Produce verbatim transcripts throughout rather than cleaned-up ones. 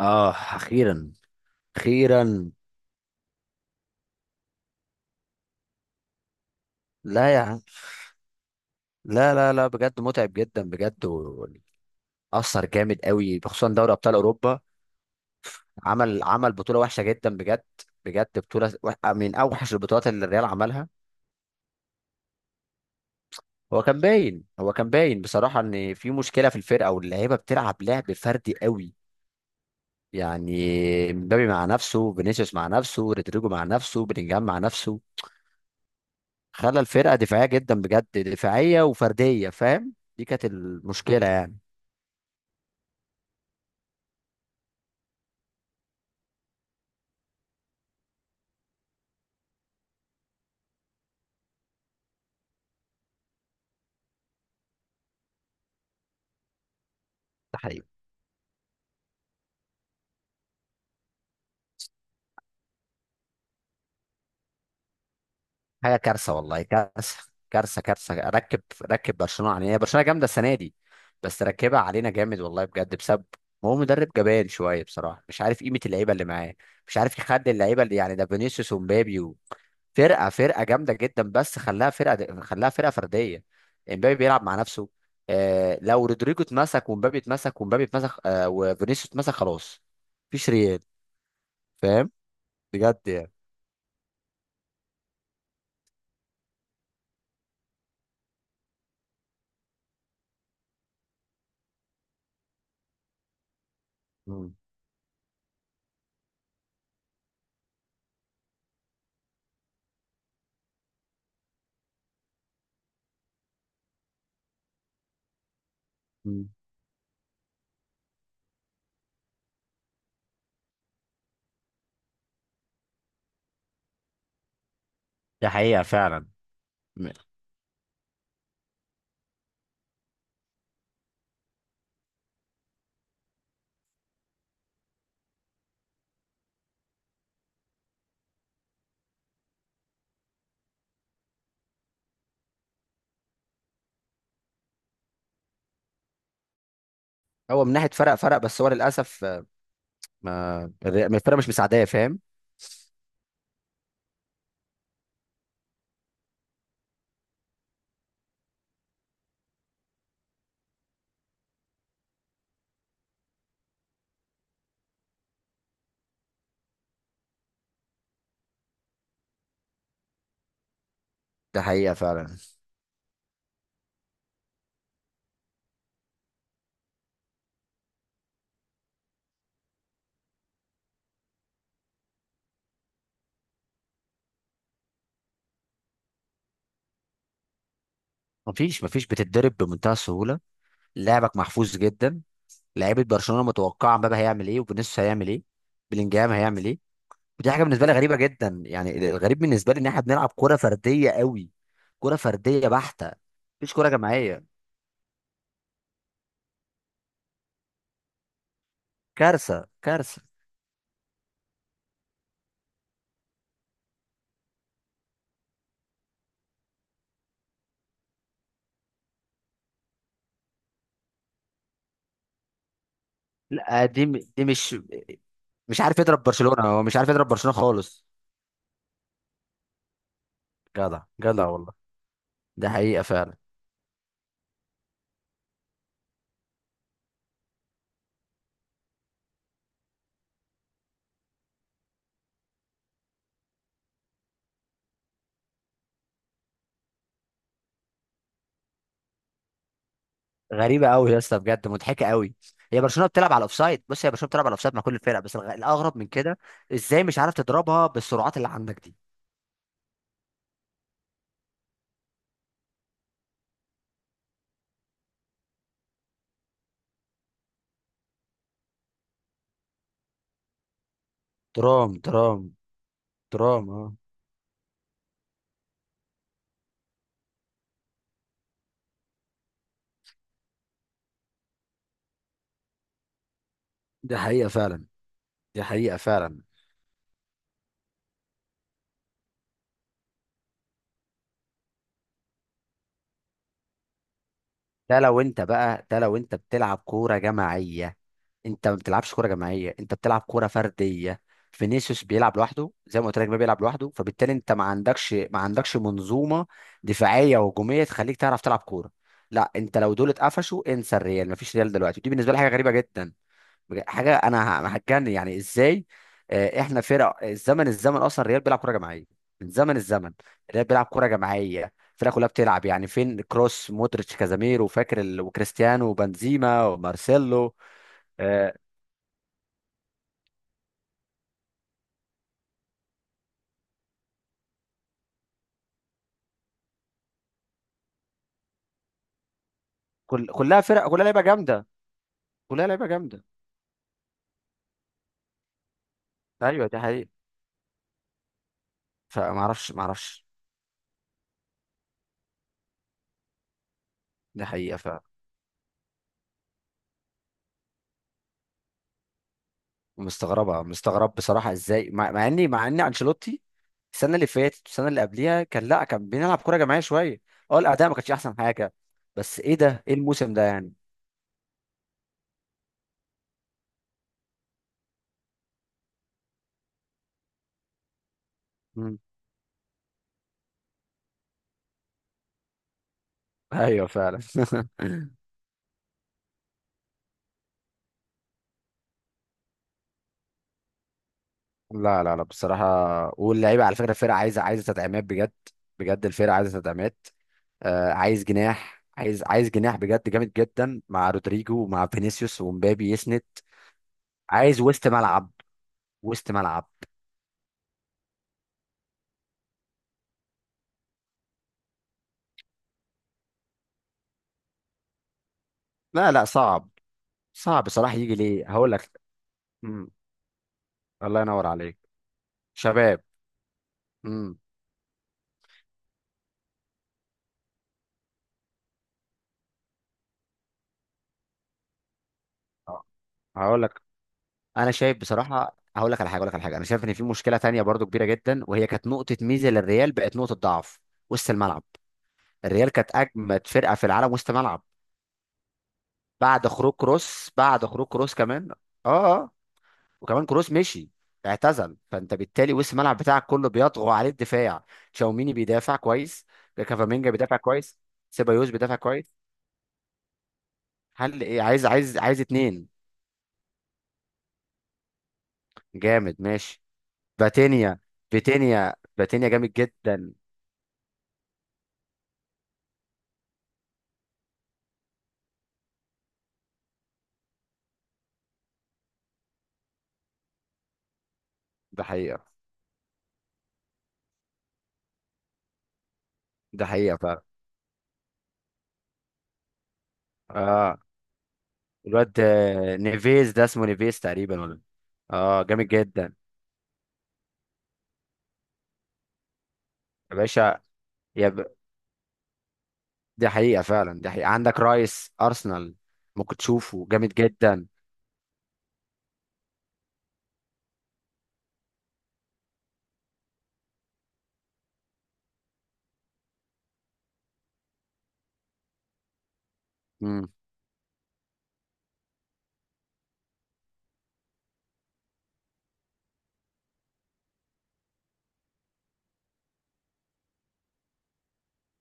اه، اخيرا. اخيرا. لا يا عم. لا لا لا بجد متعب جدا بجد و- اثر جامد قوي، خصوصا دوري ابطال اوروبا. عمل عمل بطوله وحشه جدا بجد. بجد بطوله وح- آه، من اوحش البطولات اللي الريال عملها. هو كان باين هو كان باين بصراحه ان في مشكله في الفرقه، واللعيبه بتلعب لعب فردي قوي. يعني مبابي مع نفسه، فينيسيوس مع نفسه، رودريجو مع نفسه، بلينجهام مع نفسه. خلى الفرقه دفاعيه جدا بجد، دفاعيه وفرديه، فاهم؟ دي كانت المشكله يعني. ده حقيقي. حاجه كارثه، والله كارثه. كارثه كارثه. ركب ركب برشلونه علينا. هي برشلونه جامده السنه دي، بس ركبها علينا جامد والله بجد بسبب. هو مدرب جبان شويه بصراحه، مش عارف قيمه اللعيبه اللي معاه. مش عارف يخلي اللعيبه اللي يعني، ده فينيسيوس ومبابي و- فرقه فرقه جامده جدا، بس خلاها فرقه خلاها فرقه فرديه. امبابي بيلعب مع نفسه. آه لو رودريجو اتمسك ومبابي اتمسك ومبابي اتمسك آه وفينيسيوس اتمسك، خلاص مفيش ريال، فاهم؟ بجد يعني. مم. مم. دي حقيقة فعلا. هو من ناحيه فرق، فرق، بس هو للاسف، آه، ما الري- الفرق مش مساعداه، فاهم؟ ده حقيقه فعلا. مفيش مفيش بتتدرب بمنتهى السهوله، لعبك محفوظ جدا. لعيبه برشلونه متوقعه مبابي هيعمل ايه، وفينيسيوس هيعمل ايه، بلينجهام هيعمل ايه. ودي حاجه بالنسبه لي غريبه جدا، يعني الغريب بالنسبه لي ان احنا بنلعب كره فرديه قوي، كره فرديه بحته. مفيش كره جماعيه. كارثه كارثه. لا، دي م- دي مش، مش عارف يضرب برشلونه، هو مش عارف يضرب برشلونه خالص. جدع جدع والله. ده حقيقه فعلا. غريبه قوي يا اسطى بجد، مضحكه قوي. هي برشلونه بتلعب على الاوفسايد، بص، هي برشلونه بتلعب على الاوفسايد مع كل الفرق، بس الغ- الاغرب من كده، ازاي مش عارف تضربها بالسرعات اللي عندك دي؟ ترام، ترام. ترام، اه. دي حقيقه فعلا. دي حقيقه فعلا. ده لو انت بقى ده لو انت بتلعب كورة جماعية. انت ما بتلعبش كورة جماعية، انت بتلعب كورة فردية. فينيسيوس بيلعب لوحده، زي ما قلت لك، ما بيلعب لوحده، فبالتالي انت ما عندكش ما عندكش منظومة دفاعية وهجومية تخليك تعرف تلعب كورة. لا، انت لو دول اتقفشوا انسى الريال، ما فيش ريال دلوقتي، ودي بالنسبة لي حاجة غريبة جدا. بج- حاجه، انا ه- هتجنن يعني ازاي. آه، احنا فرق الزمن الزمن اصلا، الريال بيلعب كره جماعيه من زمن الزمن. الريال بيلعب كره جماعيه، الفرقه كلها بتلعب، يعني فين كروس مودريتش كازاميرو، فاكر ال- وكريستيانو وبنزيما ومارسيلو. آه، كل كلها فرق، كلها لعيبه جامده، كلها لعيبه جامده. ايوه دي حقيقه. فما اعرفش ما اعرفش. دي حقيقه. مستغربه مستغرب بصراحه، ازاي، مع, مع اني مع ان انشيلوتي السنه اللي فاتت والسنه اللي قبليها كان، لا كان بنلعب كوره جماعيه شويه، اه الاداء ما كانش احسن حاجه، بس ايه ده، ايه الموسم ده يعني؟ مم. ايوه فعلا. لا لا لا بصراحه، واللعيبه على فكره الفرقه عايزه عايزه تدعيمات بجد. بجد الفرقه عايزه تدعيمات. آه عايز جناح عايز عايز جناح بجد جامد جدا، مع رودريجو ومع فينيسيوس ومبابي يسند. عايز وسط ملعب وسط ملعب لا لا صعب، صعب بصراحة، يجي ليه هقول لك. امم. الله ينور عليك. شباب. امم. هقول لك، انا شايف بصراحه، هقول لك على حاجه هقول لك على حاجه، انا شايف ان في مشكله تانية برضو كبيره جدا، وهي كانت نقطه ميزه للريال بقت نقطه ضعف. وسط الملعب، الريال كانت اجمد فرقه في العالم وسط ملعب. بعد خروج كروس بعد خروج كروس كمان. اه، اه. وكمان كروس مشي، اعتزل، فانت بالتالي وسط الملعب بتاعك كله بيطغى عليه الدفاع. تشاوميني بيدافع كويس، كافامينجا بيدافع كويس، سيبايوس بيدافع كويس. هل ايه؟ عايز عايز عايز اتنين جامد، ماشي. باتينيا. باتينيا باتينيا جامد جدا. ده حقيقة. ده حقيقة فعلا. اه، الواد آه، نيفيز، ده اسمه نيفيز تقريبا ولا. اه جامد جدا، يا باشا. يا ب... دي حقيقة فعلا. دي حقيقة، عندك رايس أرسنال، ممكن تشوفه جامد جدا. مم.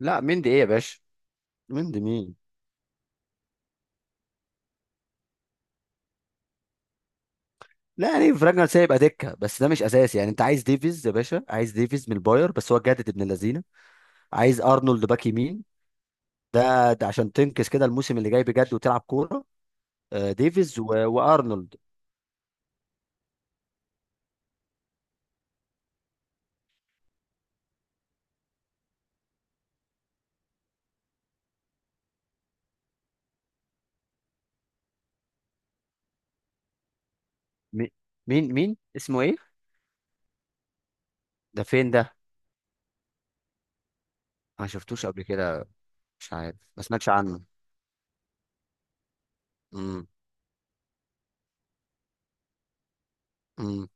لا، مندي ايه يا باشا؟ مندي مين؟ لا يعني في راجنر سايب دكة، بس ده مش اساسي، يعني انت عايز ديفيز يا باشا، عايز ديفيز من الباير، بس هو جدد ابن اللذينه. عايز ارنولد باك يمين. ده ده عشان تنكس كده الموسم اللي جاي بجد، وتلعب كورة. آه، ديفيز و... وارنولد. مي- مين مين اسمه ايه؟ ده فين ده؟ ما شفتوش قبل كده. مش عارف، ما سمعتش عنه. امم. امم.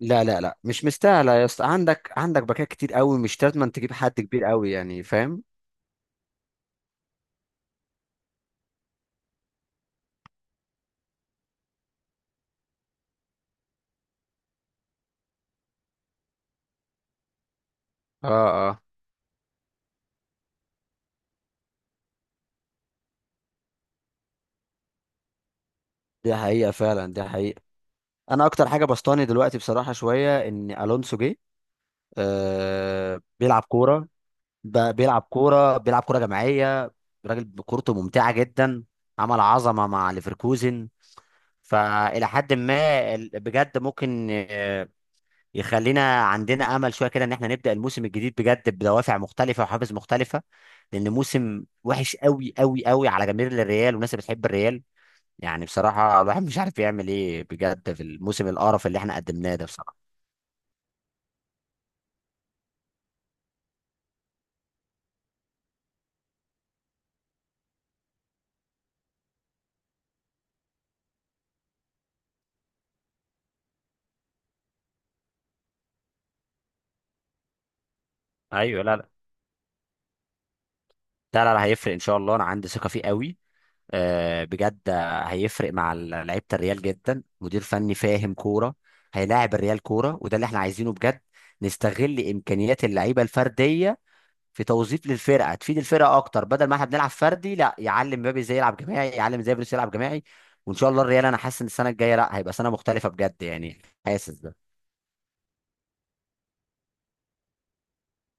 لا لا لا مش مستاهله يا اسطى، عندك عندك باكات كتير قوي، مش لازم تجيب حد كبير قوي يعني، فاهم؟ اه، اه. دي حقيقه فعلا. دي حقيقه، انا اكتر حاجه بسطاني دلوقتي بصراحه شويه ان الونسو جه. آه بيلعب كوره. ب- بيلعب كوره بيلعب كوره جماعيه. راجل كورته ممتعه جدا، عمل عظمه مع ليفركوزن. فإلى حد ما ال- بجد ممكن، آه، يخلينا عندنا أمل شوية كده، إن إحنا نبدأ الموسم الجديد بجد بدوافع مختلفة وحافز مختلفة. لأن موسم وحش قوي قوي قوي على جماهير الريال والناس اللي بتحب الريال. يعني بصراحة الواحد مش عارف يعمل إيه بجد في الموسم القرف اللي إحنا قدمناه ده بصراحة. أيوه، لا لا. لا لا لا، هيفرق إن شاء الله، أنا عندي ثقة فيه قوي. آه، بجد، آه، هيفرق مع ال- لعيبه الريال جدا، مدير فني فاهم كوره، هيلاعب الريال كوره، وده اللي احنا عايزينه بجد. نستغل امكانيات اللعيبه الفرديه في توظيف للفرقه، تفيد الفرقه اكتر، بدل ما احنا بنلعب فردي، لا يعلم مبابي ازاي يلعب جماعي، يعلم ازاي فينيسيوس يلعب جماعي. وان شاء الله الريال، انا حاسس ان السنه الجايه لا، هيبقى سنه مختلفه بجد يعني، حاسس ده ان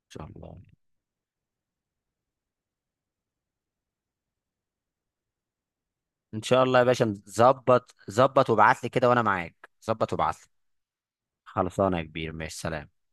شاء الله. ان شاء الله يا باشا، ظبط ظبط وابعت لي كده، وانا معاك، ظبط وابعت لي. خلصانه يا كبير، ماشي، سلام.